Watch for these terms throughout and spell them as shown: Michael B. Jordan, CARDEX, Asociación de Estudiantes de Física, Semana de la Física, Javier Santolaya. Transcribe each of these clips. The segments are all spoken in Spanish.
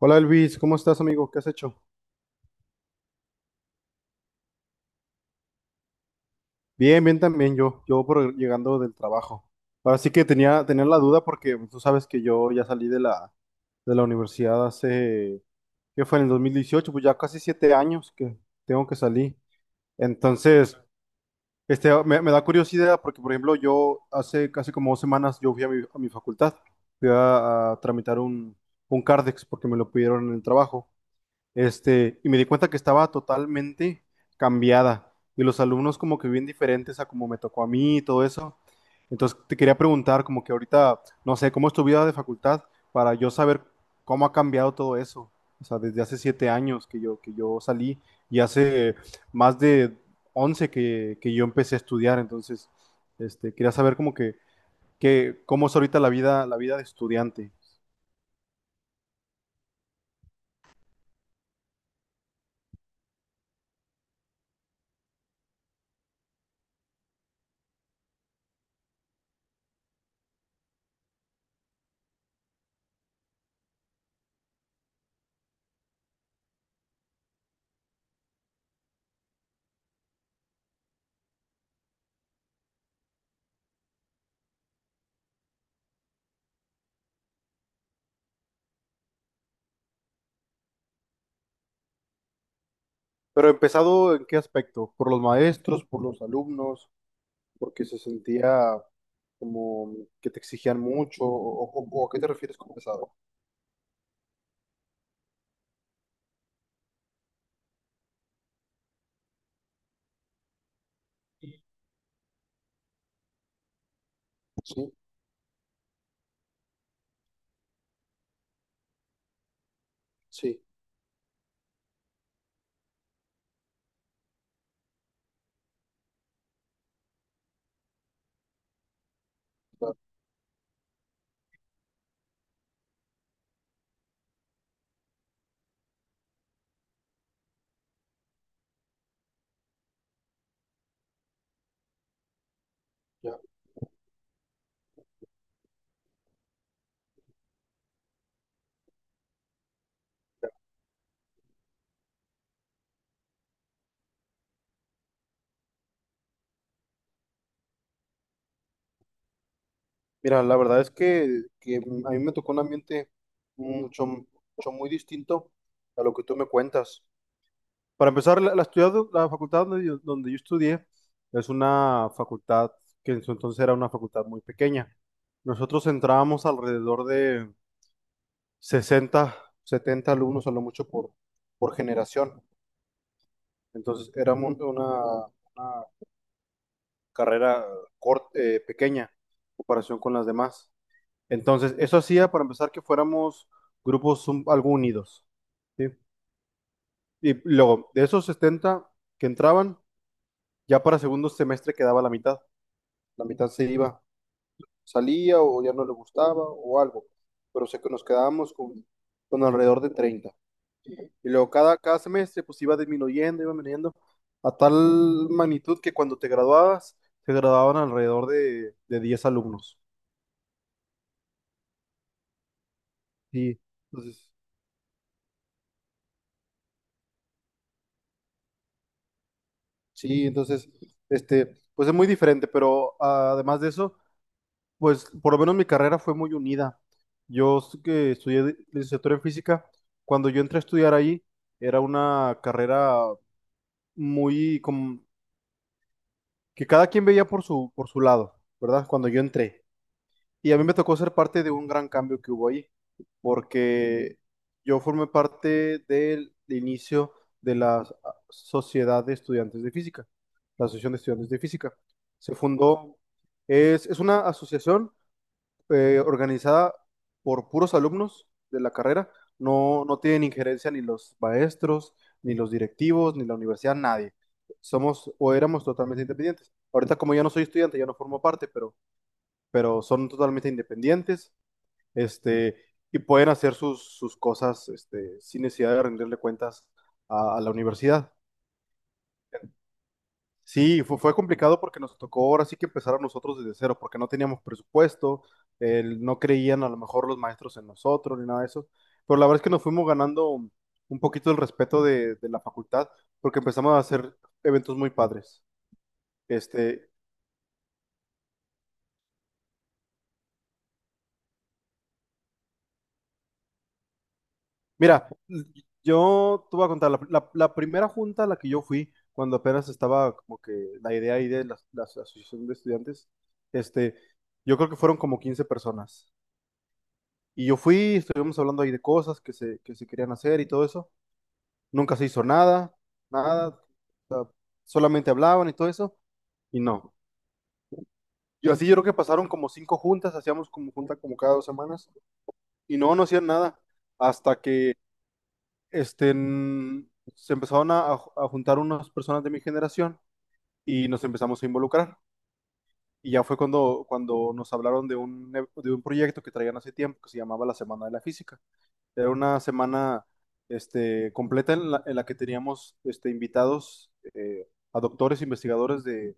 Hola Elvis, ¿cómo estás amigo? ¿Qué has hecho? Bien, bien también yo por llegando del trabajo. Ahora sí que tenía la duda porque pues, tú sabes que yo ya salí de la universidad hace, ¿qué fue? En el 2018, pues ya casi 7 años que tengo que salir. Entonces, me da curiosidad porque, por ejemplo, yo hace casi como 2 semanas yo fui a mi facultad, fui a tramitar un CARDEX porque me lo pidieron en el trabajo. Y me di cuenta que estaba totalmente cambiada y los alumnos como que bien diferentes a como me tocó a mí y todo eso. Entonces te quería preguntar como que ahorita, no sé, ¿cómo es tu vida de facultad para yo saber cómo ha cambiado todo eso? O sea, desde hace 7 años que yo salí y hace más de 11 que yo empecé a estudiar. Entonces, quería saber como que cómo es ahorita la vida de estudiante. ¿Pero empezado en qué aspecto? ¿Por los maestros? ¿Por los alumnos? Porque se sentía como que te exigían mucho, o a qué te refieres con pesado. Sí, sí, ya, ya, ya. Mira, la verdad es que a mí me tocó un ambiente mucho muy distinto a lo que tú me cuentas. Para empezar, la facultad donde yo estudié es una facultad que en su entonces era una facultad muy pequeña. Nosotros entrábamos alrededor de 60 70 alumnos a lo mucho por generación. Entonces era una carrera corta, pequeña, en comparación con las demás. Entonces eso hacía para empezar que fuéramos grupos algo unidos. ¿Sí? Y luego, de esos 70 que entraban, ya para segundo semestre quedaba la mitad. La mitad se iba salía o ya no le gustaba o algo, pero sé que nos quedábamos con alrededor de 30. Y luego cada semestre pues iba disminuyendo, iba veniendo a tal magnitud que cuando te graduabas, te graduaban alrededor de 10 alumnos. Sí, entonces, sí, entonces, pues es muy diferente, pero además de eso, pues por lo menos mi carrera fue muy unida. Que estudié licenciatura en física, cuando yo entré a estudiar ahí, era una carrera muy como que cada quien veía por su lado, ¿verdad? Cuando yo entré. Y a mí me tocó ser parte de un gran cambio que hubo ahí, porque yo formé parte del inicio de la Sociedad de Estudiantes de Física, la Asociación de Estudiantes de Física. Se fundó, es una asociación organizada por puros alumnos de la carrera. No tienen injerencia ni los maestros, ni los directivos, ni la universidad, nadie. Somos o éramos totalmente independientes. Ahorita como yo no soy estudiante, yo no formo parte, pero son totalmente independientes, este, y pueden hacer sus cosas, sin necesidad de rendirle cuentas a la universidad. Sí, fue, fue complicado porque nos tocó ahora sí que empezar a nosotros desde cero, porque no teníamos presupuesto, no creían a lo mejor los maestros en nosotros ni nada de eso, pero la verdad es que nos fuimos ganando un poquito el respeto de la facultad porque empezamos a hacer eventos muy padres. Este, mira, yo te voy a contar, la primera junta a la que yo fui, cuando apenas estaba como que la idea ahí de la asociación de estudiantes, este, yo creo que fueron como 15 personas. Y yo fui, estuvimos hablando ahí de cosas que se querían hacer y todo eso. Nunca se hizo nada, nada. O sea, solamente hablaban y todo eso. Y no. Yo así yo creo que pasaron como 5 juntas, hacíamos como junta como cada 2 semanas. Y no, no hacían nada. Hasta que se empezaron a juntar unas personas de mi generación y nos empezamos a involucrar. Y ya fue cuando nos hablaron de de un proyecto que traían hace tiempo que se llamaba la Semana de la Física. Era una semana completa en la que teníamos invitados a doctores, investigadores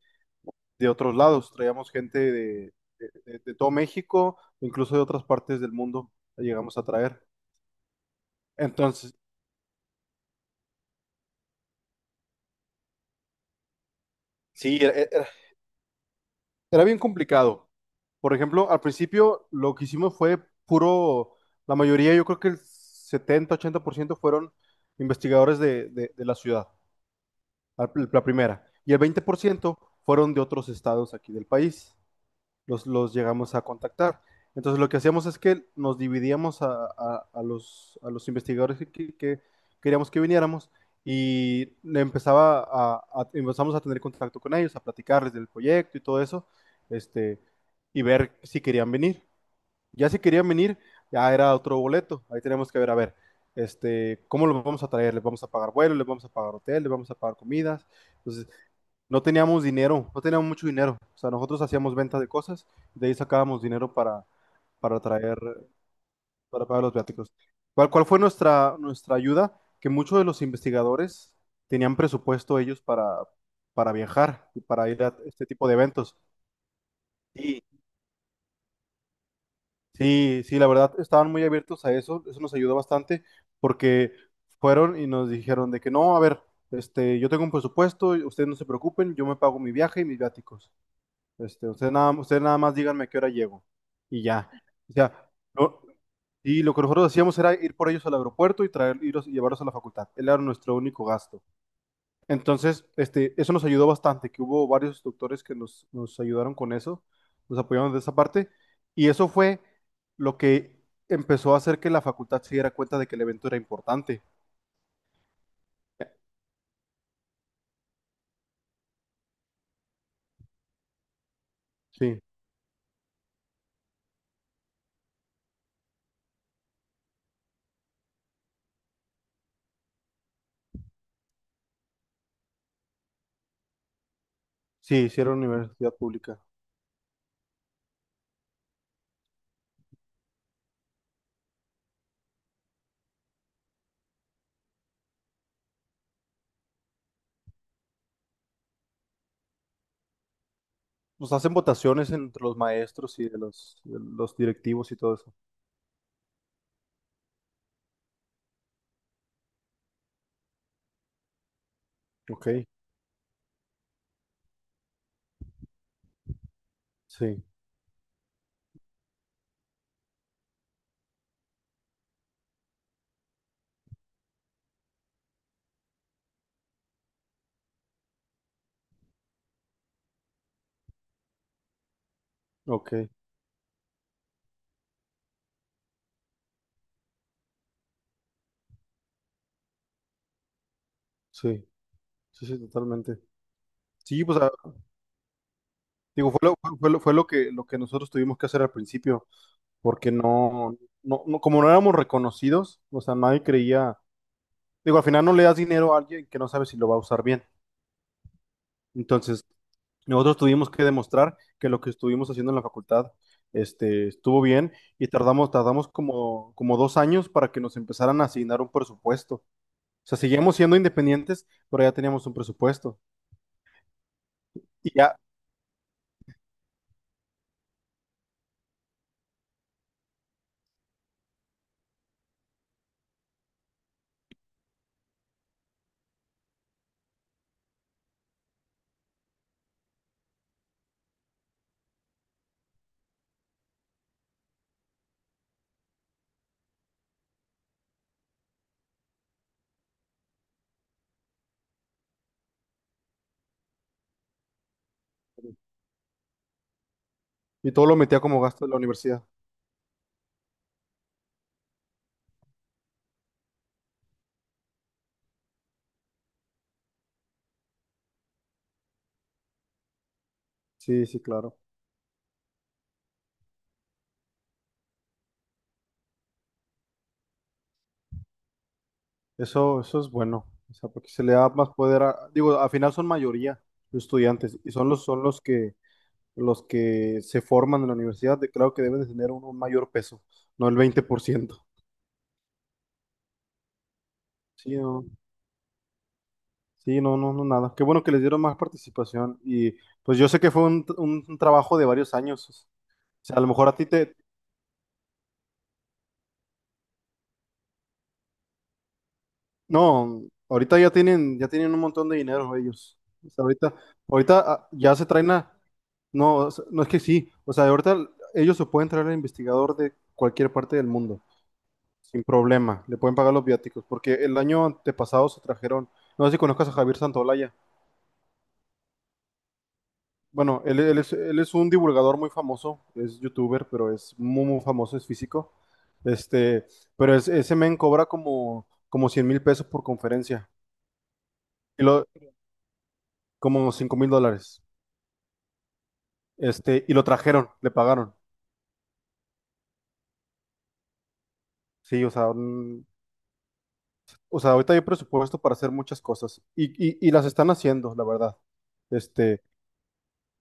de otros lados. Traíamos gente de todo México, incluso de otras partes del mundo, la llegamos a traer. Entonces, sí, era bien complicado. Por ejemplo, al principio lo que hicimos fue puro, la mayoría, yo creo que el 70 80% fueron investigadores de la ciudad. Al la primera. Y el 20% fueron de otros estados aquí del país. Los llegamos a contactar. Entonces lo que hacíamos es que nos dividíamos a los investigadores que queríamos que viniéramos y le empezaba a- empezamos a tener contacto con ellos, a platicarles del proyecto y todo eso, este, y ver si querían venir. Ya si querían venir, ya era otro boleto. Ahí tenemos que ver, a ver, ¿cómo los vamos a traer? ¿Les vamos a pagar vuelo? ¿Les vamos a pagar hotel? ¿Les vamos a pagar comidas? Entonces, no teníamos dinero, no teníamos mucho dinero. O sea, nosotros hacíamos ventas de cosas, de ahí sacábamos dinero para traer, para pagar los viáticos. ¿Cuál fue nuestra ayuda? Que muchos de los investigadores tenían presupuesto ellos para viajar y para ir a este tipo de eventos. Sí, sí, la verdad, estaban muy abiertos a eso, eso nos ayudó bastante porque fueron y nos dijeron de que no, a ver, yo tengo un presupuesto, y ustedes no se preocupen, yo me pago mi viaje y mis viáticos. Ustedes nada más díganme a qué hora llego y ya. O sea, no- y lo que nosotros hacíamos era ir por ellos al aeropuerto y y llevarlos a la facultad. Él era nuestro único gasto. Entonces, eso nos ayudó bastante, que hubo varios instructores que nos ayudaron con eso, nos apoyaron de esa parte, y eso fue lo que empezó a hacer que la facultad se diera cuenta de que el evento era importante. Sí, sí, hicieron universidad pública. Nos hacen votaciones entre los maestros y de los directivos y todo eso. Ok, sí, ok, sí, sí, sí, totalmente. Sí, pues digo, fue lo lo que nosotros tuvimos que hacer al principio. Porque como no éramos reconocidos, o sea, nadie creía, digo, al final no le das dinero a alguien que no sabe si lo va a usar bien. Entonces, nosotros tuvimos que demostrar que lo que estuvimos haciendo en la facultad, estuvo bien y tardamos, tardamos como 2 años para que nos empezaran a asignar un presupuesto. O sea, seguíamos siendo independientes, pero ya teníamos un presupuesto y ya, y todo lo metía como gasto de la universidad. Sí, sí, claro. Eso es bueno, o sea, porque se le da más poder a, digo, al final son mayoría los estudiantes y son los que se forman en la universidad, claro que deben de tener un mayor peso, no el 20%. Sí, no, sí, no, no, no, nada. Qué bueno que les dieron más participación y pues yo sé que fue un trabajo de varios años. O sea, a lo mejor a ti te, no, ahorita ya tienen un montón de dinero ellos. O sea, ahorita, ahorita ya se traen a. No, o sea, no es que sí. O sea, ahorita ellos se pueden traer al investigador de cualquier parte del mundo, sin problema. Le pueden pagar los viáticos, porque el año antepasado se trajeron. No sé si conozcas a Javier Santolaya. Bueno, él es un divulgador muy famoso, es youtuber, pero es muy famoso, es físico. Este, pero ese men cobra como 100.000 pesos por conferencia, y lo, como 5.000 dólares. Este, y lo trajeron, le pagaron. Sí, o sea, o sea, ahorita hay presupuesto para hacer muchas cosas. Y las están haciendo, la verdad. Este,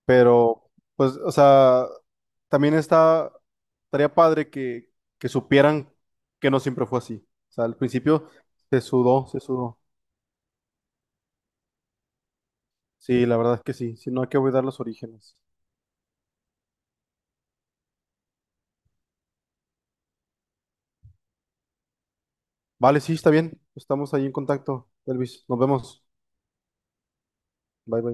pero, pues, o sea, también está, estaría padre que supieran que no siempre fue así. O sea, al principio se sudó, se sudó. Sí, la verdad es que sí. Si no, hay que olvidar los orígenes. Vale, sí, está bien. Estamos ahí en contacto, Elvis. Nos vemos. Bye, bye.